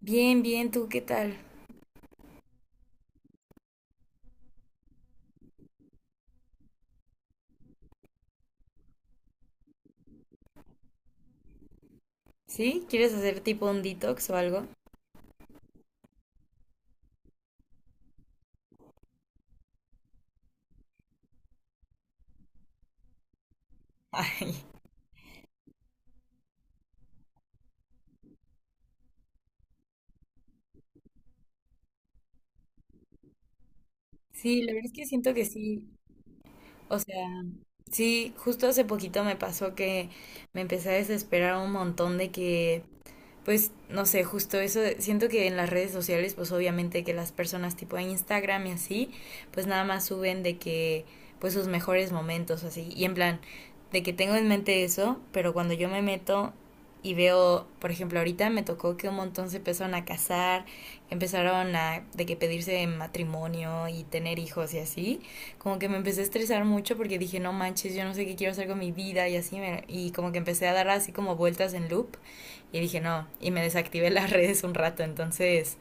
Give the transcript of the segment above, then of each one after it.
Bien, bien, ¿tú qué tal? ¿Sí? ¿Quieres hacer tipo un detox o algo? Ay, sí, la verdad es que siento que sí. O sea, sí, justo hace poquito me pasó que me empecé a desesperar un montón de que, pues no sé, justo eso, siento que en las redes sociales, pues obviamente que las personas tipo Instagram y así, pues nada más suben de que, pues sus mejores momentos, así, y en plan, de que tengo en mente eso, pero cuando yo me meto y veo, por ejemplo, ahorita me tocó que un montón se empezaron a casar, empezaron a de que pedirse matrimonio y tener hijos y así, como que me empecé a estresar mucho porque dije, no manches, yo no sé qué quiero hacer con mi vida y así, y como que empecé a dar así como vueltas en loop y dije, no, y me desactivé las redes un rato. Entonces,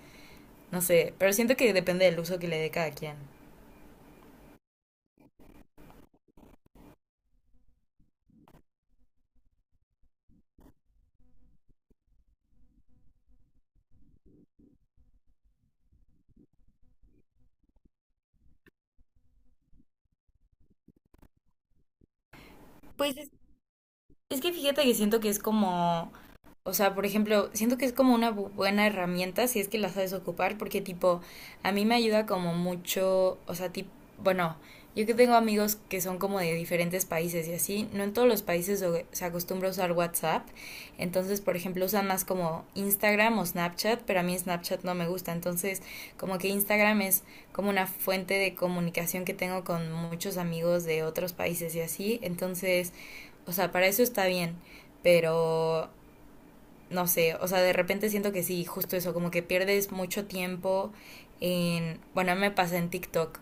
no sé, pero siento que depende del uso que le dé cada quien. Pues es Es que fíjate que siento que es como, o sea, por ejemplo, siento que es como una buena herramienta si es que la sabes ocupar, porque tipo, a mí me ayuda como mucho, o sea, tipo, bueno, yo que tengo amigos que son como de diferentes países y así, no en todos los países se acostumbra a usar WhatsApp. Entonces, por ejemplo, usan más como Instagram o Snapchat, pero a mí Snapchat no me gusta. Entonces, como que Instagram es como una fuente de comunicación que tengo con muchos amigos de otros países y así, entonces... O sea, para eso está bien, pero no sé, o sea, de repente siento que sí, justo eso, como que pierdes mucho tiempo en, bueno, a mí me pasa en TikTok.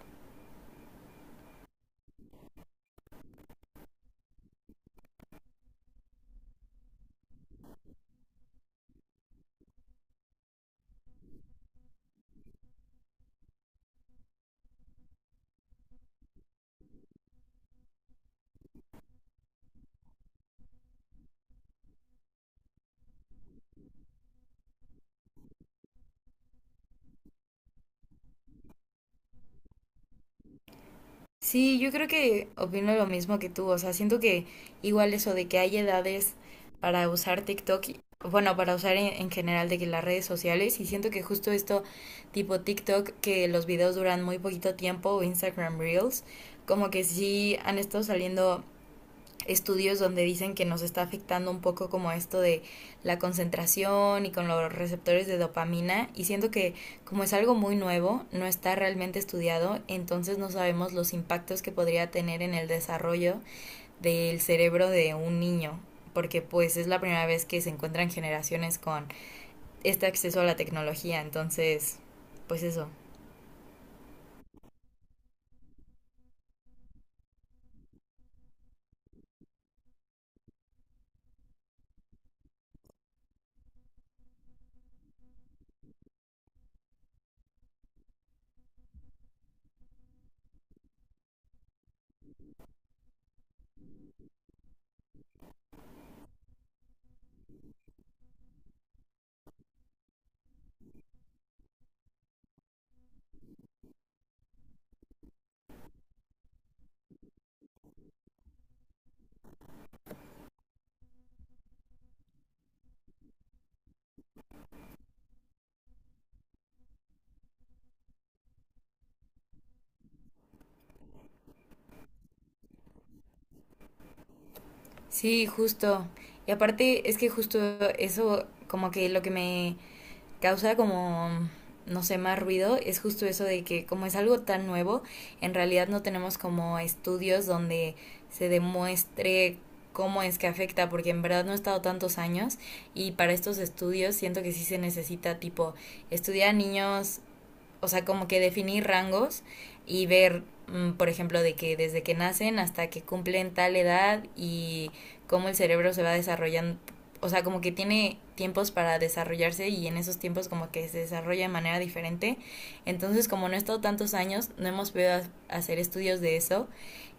Sí, yo creo que opino lo mismo que tú, o sea, siento que igual eso de que hay edades para usar TikTok, bueno, para usar en general de que las redes sociales, y siento que justo esto tipo TikTok, que los videos duran muy poquito tiempo, o Instagram Reels, como que sí han estado saliendo estudios donde dicen que nos está afectando un poco como esto de la concentración y con los receptores de dopamina, y siento que como es algo muy nuevo, no está realmente estudiado, entonces no sabemos los impactos que podría tener en el desarrollo del cerebro de un niño, porque pues es la primera vez que se encuentran generaciones con este acceso a la tecnología. Entonces, pues eso. Sí, justo. Y aparte es que justo eso como que lo que me causa como, no sé, más ruido es justo eso de que como es algo tan nuevo, en realidad no tenemos como estudios donde se demuestre cómo es que afecta, porque en verdad no he estado tantos años, y para estos estudios siento que sí se necesita tipo estudiar a niños, o sea, como que definir rangos y ver, por ejemplo, de que desde que nacen hasta que cumplen tal edad y cómo el cerebro se va desarrollando. O sea, como que tiene tiempos para desarrollarse y en esos tiempos como que se desarrolla de manera diferente. Entonces, como no he estado tantos años, no hemos podido hacer estudios de eso,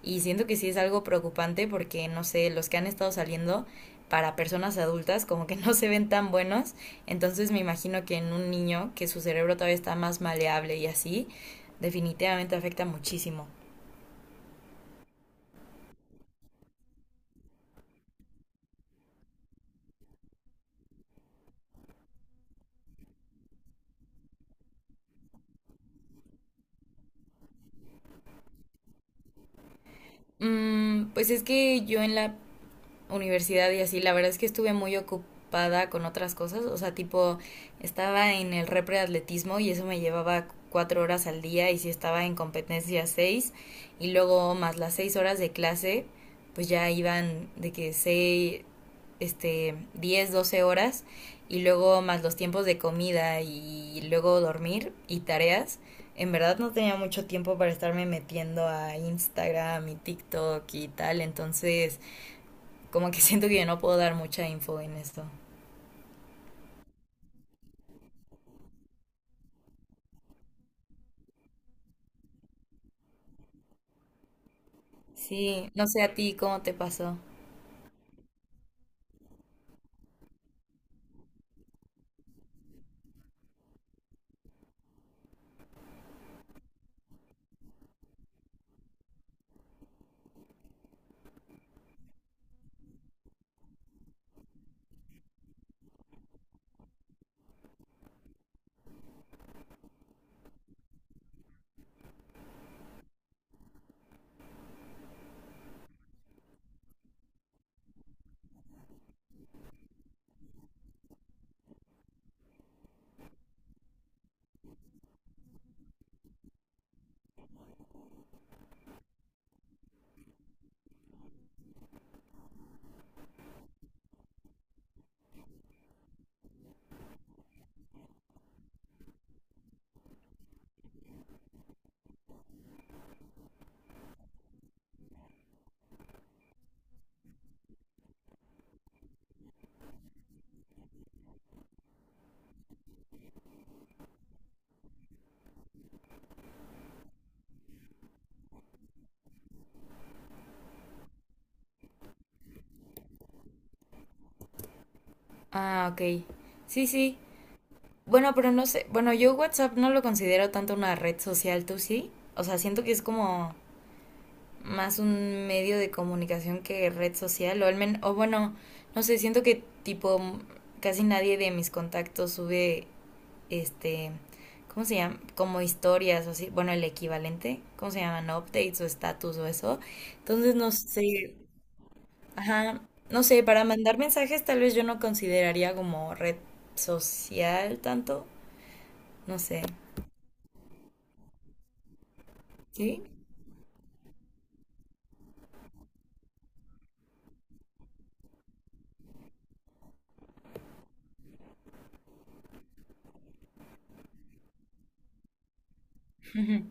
y siento que sí es algo preocupante porque, no sé, los que han estado saliendo para personas adultas como que no se ven tan buenos, entonces me imagino que en un niño que su cerebro todavía está más maleable y así, definitivamente afecta muchísimo. Pues es que yo en la universidad y así, la verdad es que estuve muy ocupada con otras cosas, o sea, tipo, estaba en el repre de atletismo y eso me llevaba cuatro horas al día, y si estaba en competencia seis, y luego más las seis horas de clase, pues ya iban de que seis, este, diez, doce horas, y luego más los tiempos de comida y luego dormir y tareas. En verdad no tenía mucho tiempo para estarme metiendo a Instagram y TikTok y tal. Entonces, como que siento que yo no puedo dar mucha info en esto. Sí, no sé a ti cómo te pasó. Ah, ok. Sí, sí. Bueno, pero no sé. Bueno, yo WhatsApp no lo considero tanto una red social, ¿tú sí? O sea, siento que es como más un medio de comunicación que red social. O, al o bueno, no sé, siento que tipo casi nadie de mis contactos sube este... ¿Cómo se llama? Como historias o así. Bueno, el equivalente. ¿Cómo se llaman? Updates o status o eso. Entonces no sé. Ajá, no sé, para mandar mensajes tal vez yo no consideraría como red social tanto, no sé, ¿sí? Ujú.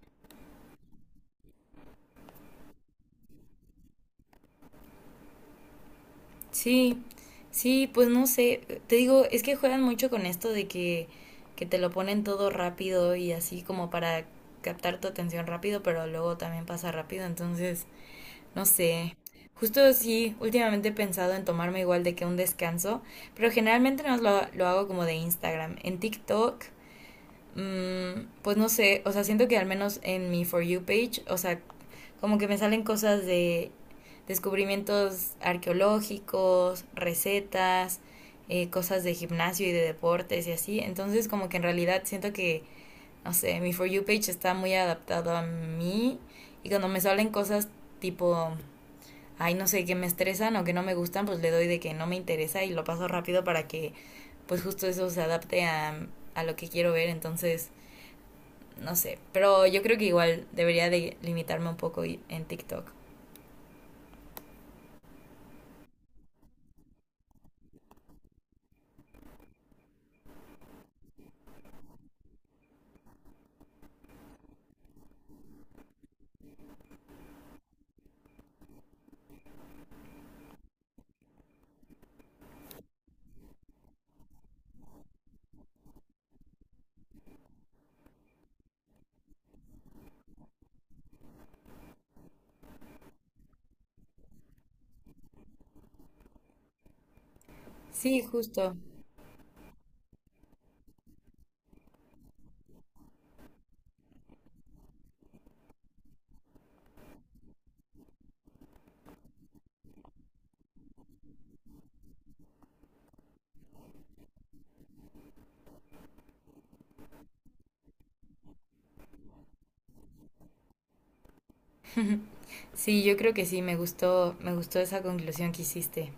Sí, sí, pues no sé, te digo, es que juegan mucho con esto de que, te lo ponen todo rápido y así como para captar tu atención rápido, pero luego también pasa rápido, entonces, no sé. Justo sí, últimamente he pensado en tomarme igual de que un descanso, pero generalmente no lo hago como de Instagram. En TikTok. Pues no sé, o sea, siento que al menos en mi For You page, o sea, como que me salen cosas de descubrimientos arqueológicos, recetas, cosas de gimnasio y de deportes y así. Entonces como que en realidad siento que, no sé, mi For You page está muy adaptado a mí, y cuando me salen cosas tipo, ay, no sé, que me estresan o que no me gustan, pues le doy de que no me interesa y lo paso rápido para que pues justo eso se adapte a lo que quiero ver. Entonces no sé, pero yo creo que igual debería de limitarme un poco en TikTok. Sí, justo. Sí, yo creo que sí, me gustó esa conclusión que hiciste.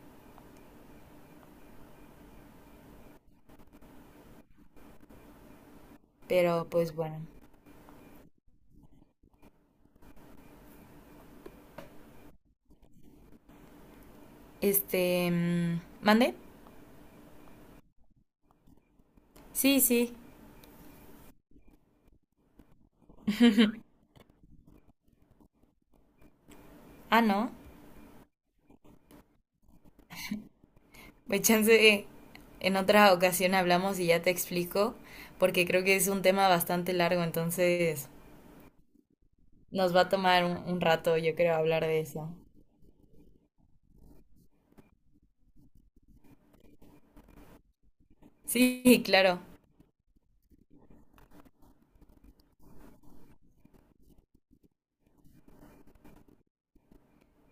Pero pues bueno. Este, mm, ¿mande? Sí, sí. Ah, no. Pues chance en otra ocasión hablamos y ya te explico, porque creo que es un tema bastante largo, entonces nos va a tomar un rato, yo creo, hablar de eso. Sí, claro.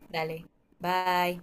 Dale. Bye.